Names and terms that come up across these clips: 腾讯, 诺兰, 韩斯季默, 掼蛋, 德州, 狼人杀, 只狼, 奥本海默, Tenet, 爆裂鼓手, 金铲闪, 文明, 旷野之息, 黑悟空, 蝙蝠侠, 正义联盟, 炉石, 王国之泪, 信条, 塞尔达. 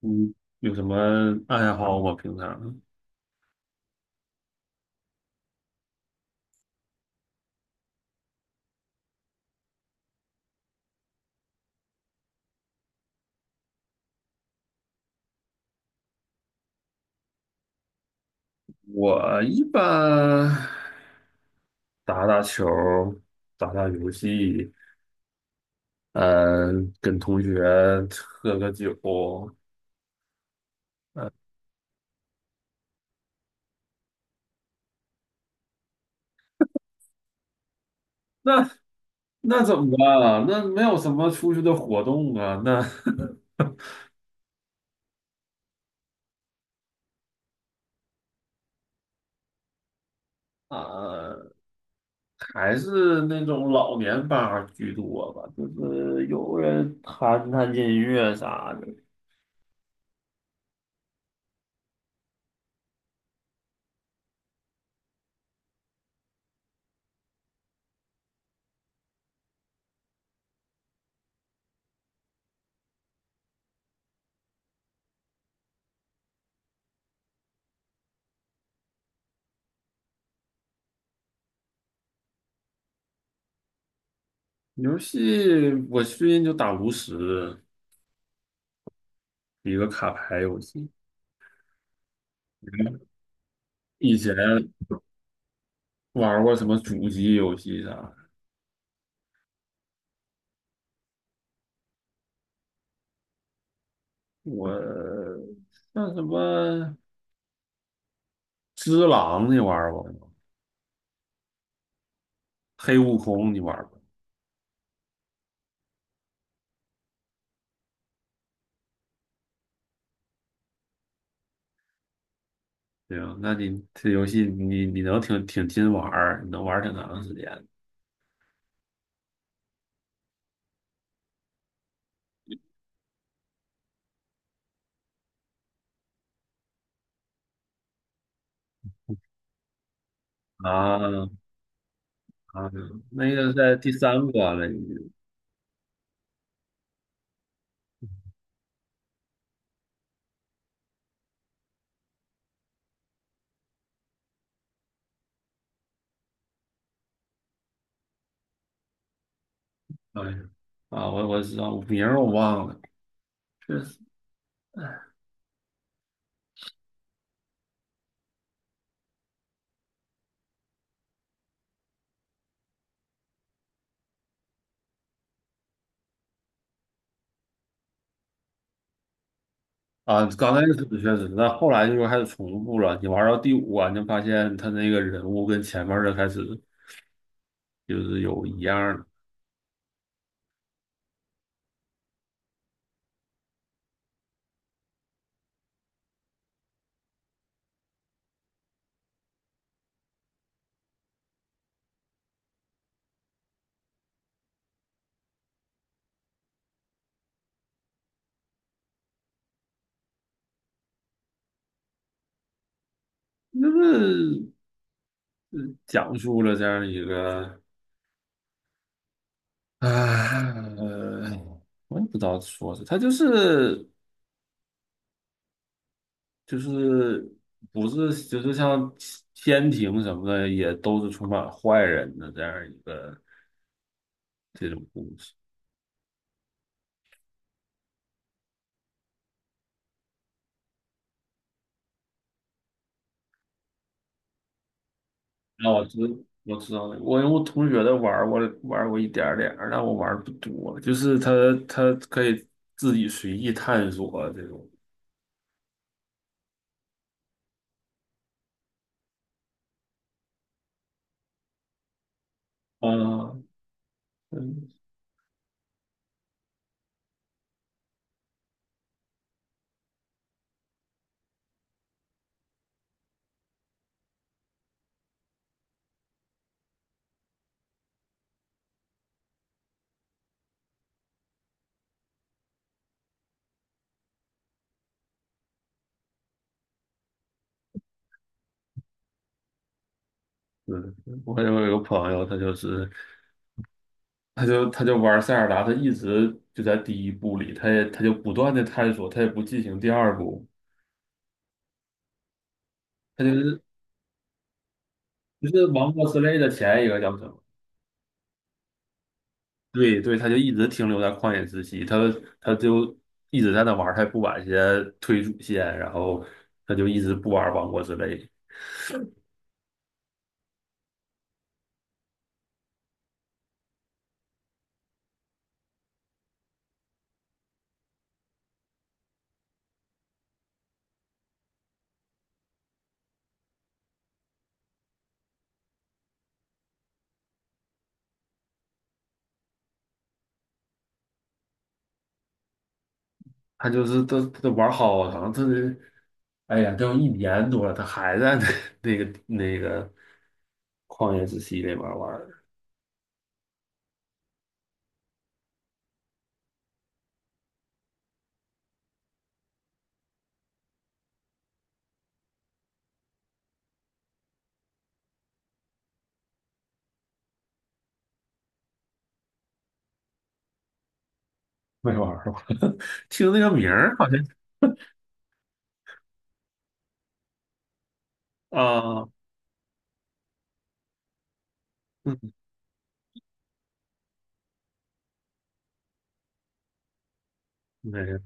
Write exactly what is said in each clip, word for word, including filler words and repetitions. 嗯，有什么爱好吗？平常我一般打打球儿打打游戏，嗯，跟同学喝个酒。嗯，那那怎么办啊？那没有什么出去的活动啊，那 啊，还是那种老年吧儿居多吧，就是有人弹弹音乐啥的。游戏我最近就打炉石，一个卡牌游戏。以前玩过什么主机游戏啥的？我像什么《只狼》你玩过吗？黑悟空》你玩过？行，那你这游戏你你能挺挺勤玩儿，你能玩儿挺长时间。啊，啊！那个在第三关了，已经。哎呀，啊，我我知道名儿我忘了，确实。啊，刚开始确实，但后来就是开始重复了。你玩到第五关，就发现他那个人物跟前面的开始就是有一样的。那是。讲述了这样一个，啊，呃，我也不知道说是，它就是，就是，不是就是像天庭什么的，也都是充满坏人的这样一个这种故事。那我知我知道了，我我同学的玩儿我玩儿过一点儿点儿，但我玩儿不多，就是他，他可以自己随意探索这种。啊，嗯。是，我有一个朋友，他就是他就他就玩塞尔达，他一直就在第一部里，他也他就不断的探索，他也不进行第二部，他就是就是王国之泪的前一个教程。对对，他就一直停留在旷野之息，他他就一直在那玩儿，他也不玩一些推主线，然后他就一直不玩王国之泪。他就是他他玩好长，他这，哎呀，都一年多了，他还在那 那个那个旷野之息里边玩儿。没玩儿是吧，听那个名儿好像。啊。嗯，没有，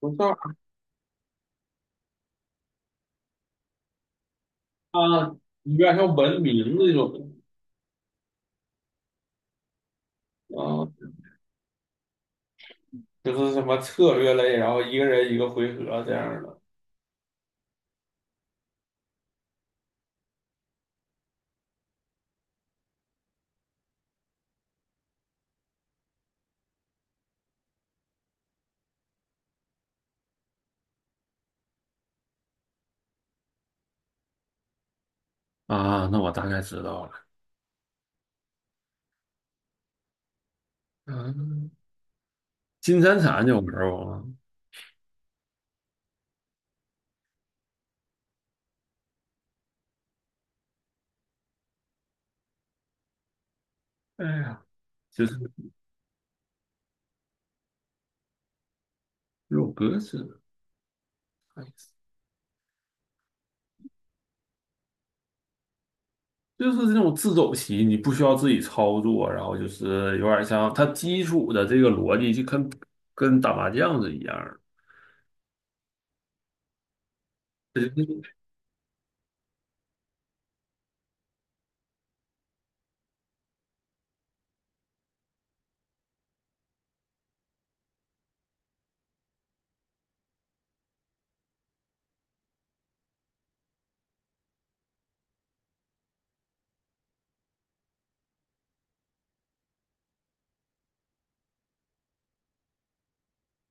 不像。啊，有点像文明那种。啊，就是什么策略类，然后一个人一个回合这样的。啊，那我大概知道了。嗯，金铲闪就玩过吗？哎呀，就是有格子，哎，就是这种自走棋，你不需要自己操作，然后就是有点像它基础的这个逻辑，就跟跟打麻将是一样的。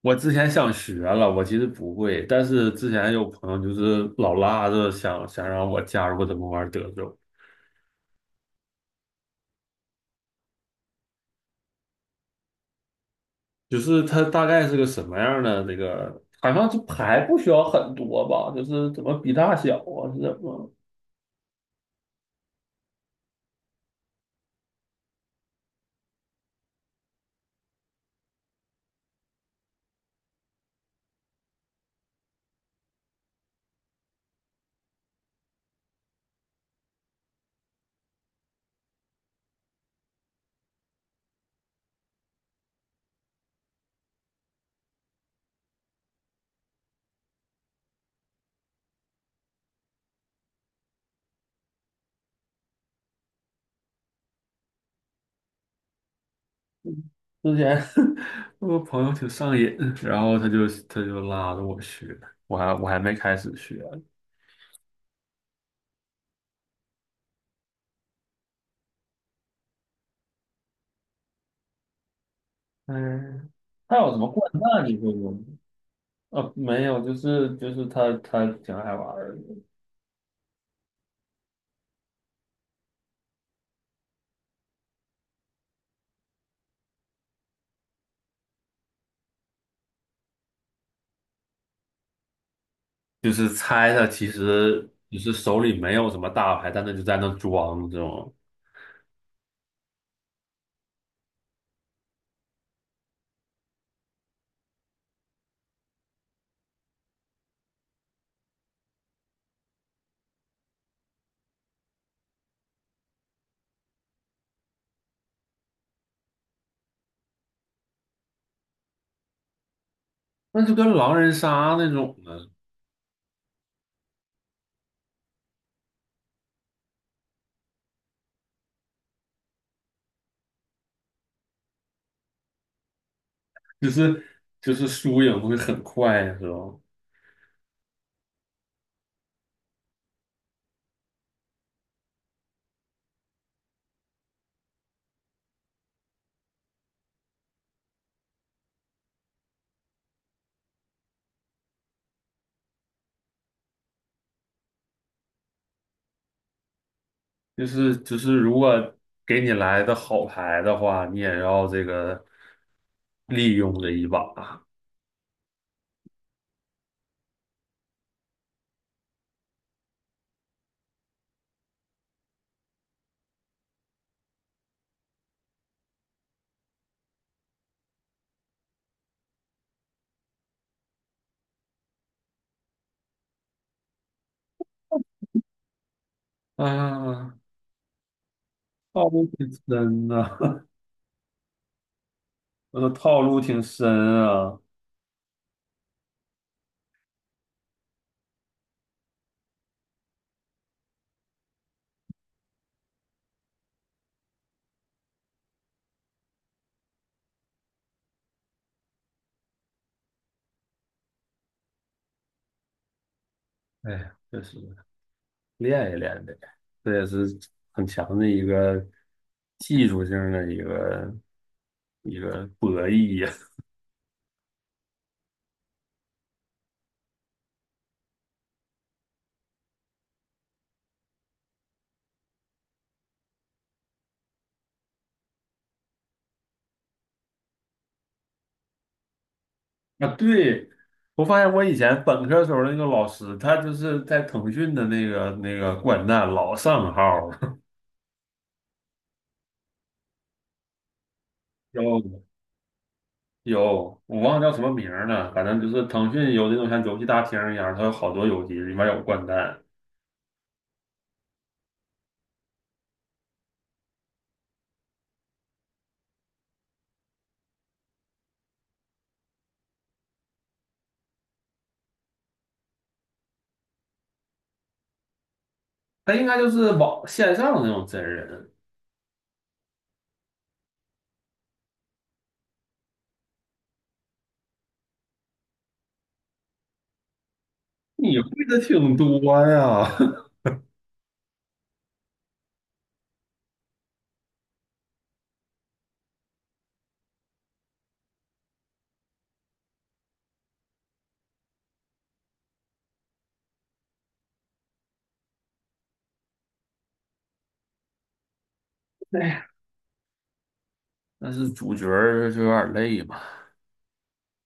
我之前想学了，我其实不会，但是之前有朋友就是老拉着想想让我加入怎么玩德州。就是它大概是个什么样的这个，好像这牌不需要很多吧，就是怎么比大小啊，是怎么？之前 我朋友挺上瘾，然后他就他就拉着我学，我还我还没开始学。嗯，他有什么掼蛋你会吗？啊，没有，就是就是他他挺爱玩儿的。就是猜他其实就是手里没有什么大牌，但他就在那装这种。那就跟狼人杀那种的，就是就是输赢会很快，是吧？就是就是如果给你来的好牌的话，你也要这个利用这一把。啊，套路挺深呐、我的套路挺深。啊，哎呀，确实。练一练呗，这也是很强的一个技术性的一个一个博弈呀。啊，对，我发现我以前本科时候那个老师，他就是在腾讯的那个那个掼蛋老上号儿。有，有，我忘了叫什么名儿了，反正就是腾讯有那种像游戏大厅一样，它有好多游戏，里面有掼蛋。他应该就是网线上的那种真人。你会的挺多呀。但是主角儿就有点累吧。